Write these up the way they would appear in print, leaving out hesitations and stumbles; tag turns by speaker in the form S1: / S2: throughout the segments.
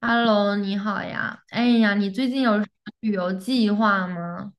S1: Hello,你好呀。哎呀，你最近有什么旅游计划吗？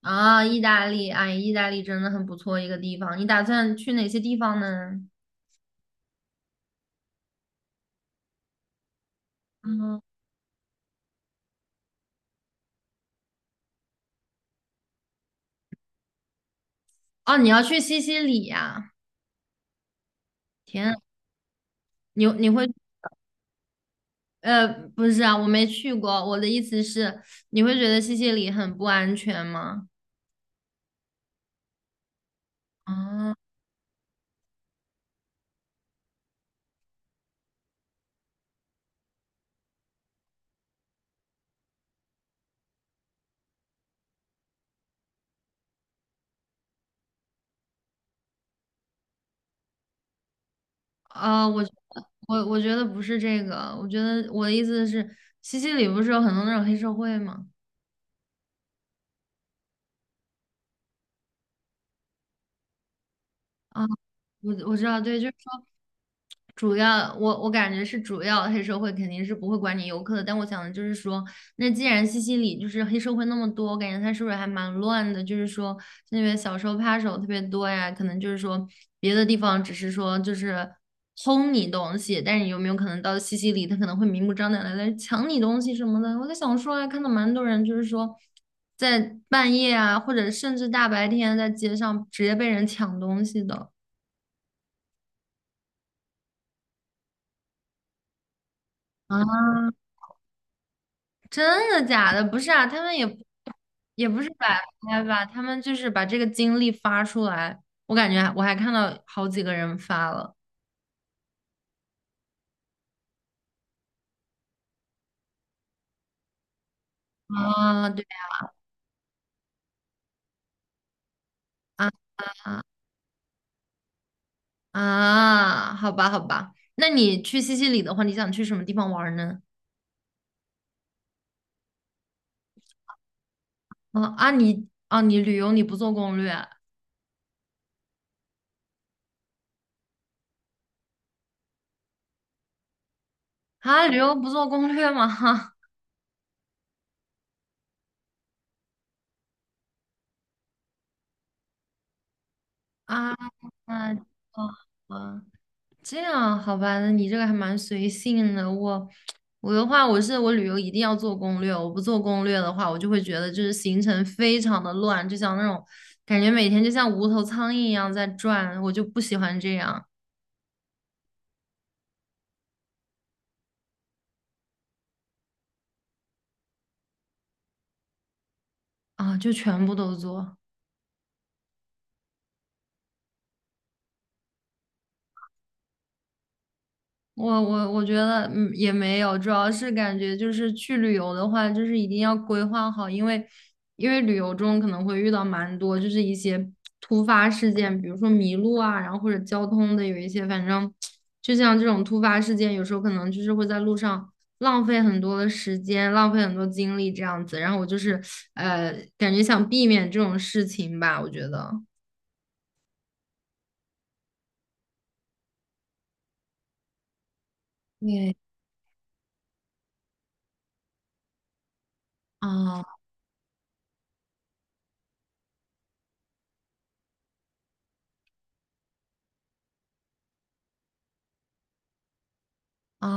S1: 啊，意大利，哎，意大利真的很不错一个地方。你打算去哪些地方呢？嗯，哦，你要去西西里呀？天啊，你你会呃，不是啊，我没去过。我的意思是，你会觉得西西里很不安全吗？啊，我觉得，我觉得不是这个，我觉得我的意思是，西西里不是有很多那种黑社会吗？啊，我知道，对，主要我感觉是主要黑社会肯定是不会管你游客的，但我想的就是说，那既然西西里就是黑社会那么多，我感觉它是不是还蛮乱的？就是说那边小偷扒手特别多呀，可能就是说别的地方只是说就是偷你东西，但是有没有可能到西西里他可能会明目张胆的来抢你东西什么的？我在想说啊，看到蛮多人就是说在半夜啊，或者甚至大白天在街上直接被人抢东西的。啊。真的假的？不是啊，他们也不是摆拍吧，他们就是把这个经历发出来。我感觉我还看到好几个人发了。啊，对。啊好吧好吧。那你去西西里的话，你想去什么地方玩呢？你啊你旅游你不做攻略啊？啊，旅游不做攻略吗？啊啊，啊，这样好吧，那你这个还蛮随性的。我，我的话，我是我旅游一定要做攻略，我不做攻略的话，我就会觉得就是行程非常的乱，就像那种感觉每天就像无头苍蝇一样在转，我就不喜欢这样。啊，就全部都做。我觉得也没有，主要是感觉就是去旅游的话，就是一定要规划好，因为旅游中可能会遇到蛮多就是一些突发事件，比如说迷路啊，然后或者交通的有一些，反正就像这种突发事件，有时候可能就是会在路上浪费很多的时间，浪费很多精力这样子。然后我就是感觉想避免这种事情吧，我觉得。对。啊。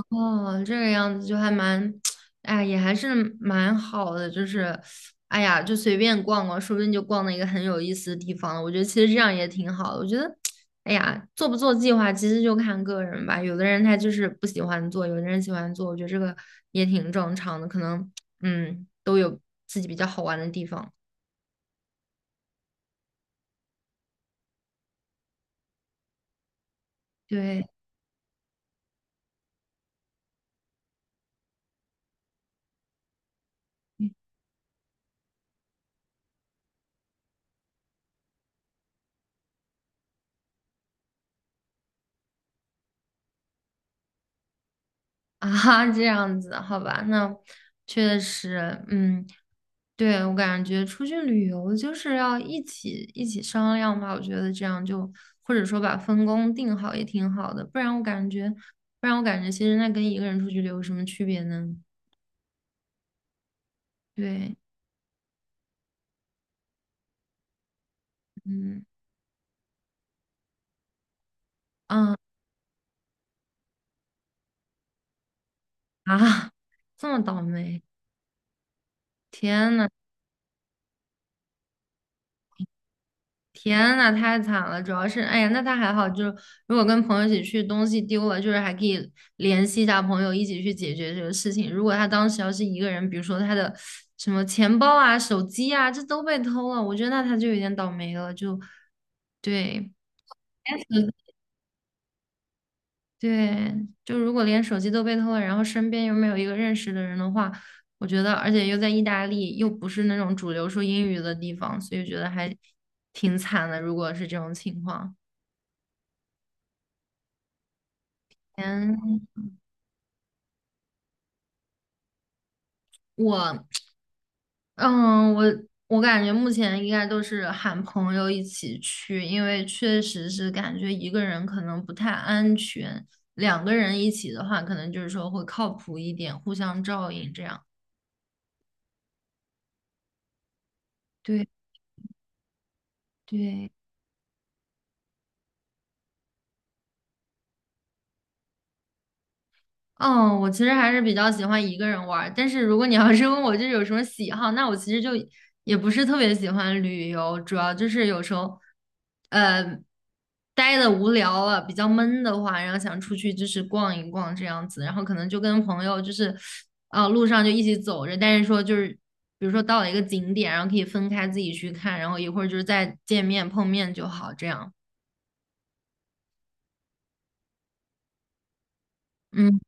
S1: 哦，这个样子就还蛮，哎呀，也还是蛮好的，就是，哎呀，就随便逛逛，说不定就逛到一个很有意思的地方了。我觉得其实这样也挺好的。我觉得，哎呀，做不做计划其实就看个人吧。有的人他就是不喜欢做，有的人喜欢做，我觉得这个也挺正常的。可能，嗯，都有自己比较好玩的地方。对，啊，这样子，好吧，那确实，嗯，对，我感觉出去旅游就是要一起商量吧，我觉得这样就或者说把分工定好也挺好的，不然我感觉，不然我感觉其实那跟一个人出去旅游有什么区别呢？对，嗯，啊 啊，这么倒霉，天呐！天呐，太惨了！主要是，哎呀，那他还好，就是如果跟朋友一起去，东西丢了，就是还可以联系一下朋友一起去解决这个事情。如果他当时要是一个人，比如说他的什么钱包啊、手机啊，这都被偷了，我觉得那他就有点倒霉了。就对，连手对，就如果连手机都被偷了，然后身边又没有一个认识的人的话，我觉得，而且又在意大利，又不是那种主流说英语的地方，所以觉得还挺惨的。如果是这种情况。前我，嗯，我感觉目前应该都是喊朋友一起去，因为确实是感觉一个人可能不太安全，两个人一起的话，可能就是说会靠谱一点，互相照应这样。对对，嗯，我其实还是比较喜欢一个人玩儿，但是如果你要 是问我就是有什么喜好，那我其实就也不是特别喜欢旅游，主要就是有时候，呃，待的无聊了，比较闷的话，然后想出去就是逛一逛这样子，然后可能就跟朋友就是，啊，路上就一起走着，但是说就是，比如说到了一个景点，然后可以分开自己去看，然后一会儿就是再见面碰面就好，这样。嗯。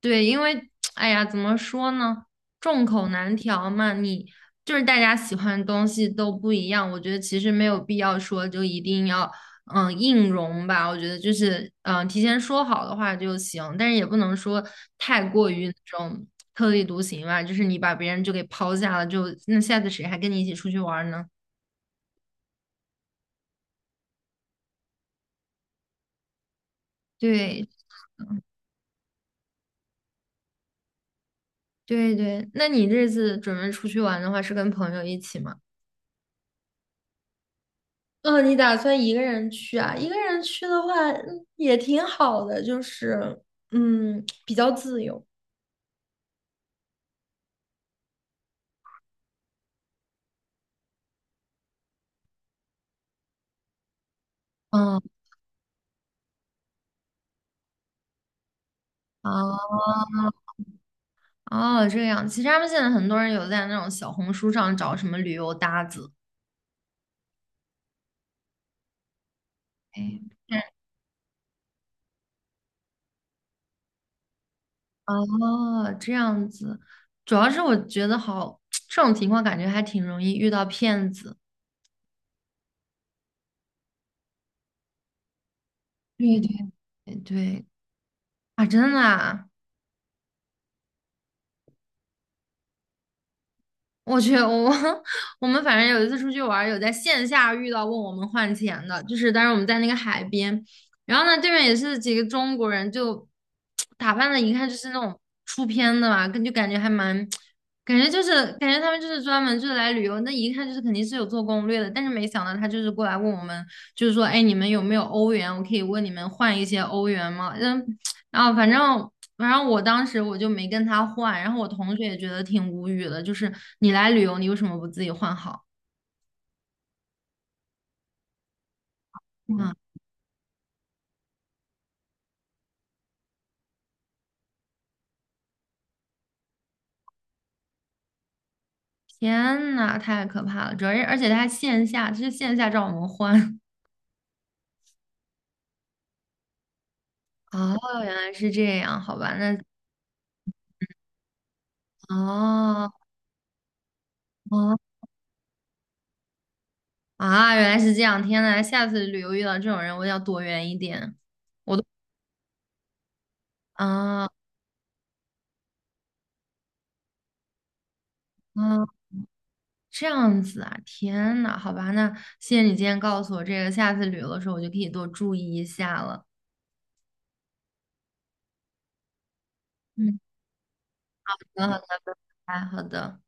S1: 对，因为哎呀，怎么说呢，众口难调嘛。你就是大家喜欢的东西都不一样，我觉得其实没有必要说就一定要硬融吧。我觉得就是提前说好的话就行，但是也不能说太过于那种特立独行吧。就是你把别人就给抛下了，就那下次谁还跟你一起出去玩儿呢？对对，对，那你这次准备出去玩的话，是跟朋友一起吗？嗯，你打算一个人去啊？一个人去的话，嗯，也挺好的，就是，嗯，比较自由。嗯，哦哦，这样。其实他们现在很多人有在那种小红书上找什么旅游搭子。哎，哦，这样子。主要是我觉得好，这种情况感觉还挺容易遇到骗子。对对对啊，真的啊。我去，我 我们反正有一次出去玩儿有在线下遇到问我们换钱的，就是当时我们在那个海边，然后呢，对面也是几个中国人，就打扮的一看就是那种出片的嘛，跟就感觉还蛮，感觉他们就是专门就是来旅游，那一看就是肯定是有做攻略的，但是没想到他就是过来问我们，就是说，哎，你们有没有欧元？我可以问你们换一些欧元吗？嗯，然后反正。然后我当时我就没跟他换，然后我同学也觉得挺无语的，就是你来旅游，你为什么不自己换好？啊，天呐，太可怕了！主要是而且他还线下，就是线下找我们换。哦，原来是这样，好吧，那哦哦。啊，原来是这样，天呐，下次旅游遇到这种人，我要躲远一点。我都啊，啊，这样子啊，天呐，好吧，那谢谢你今天告诉我这个，下次旅游的时候我就可以多注意一下了。嗯，好的好的，哎，好的。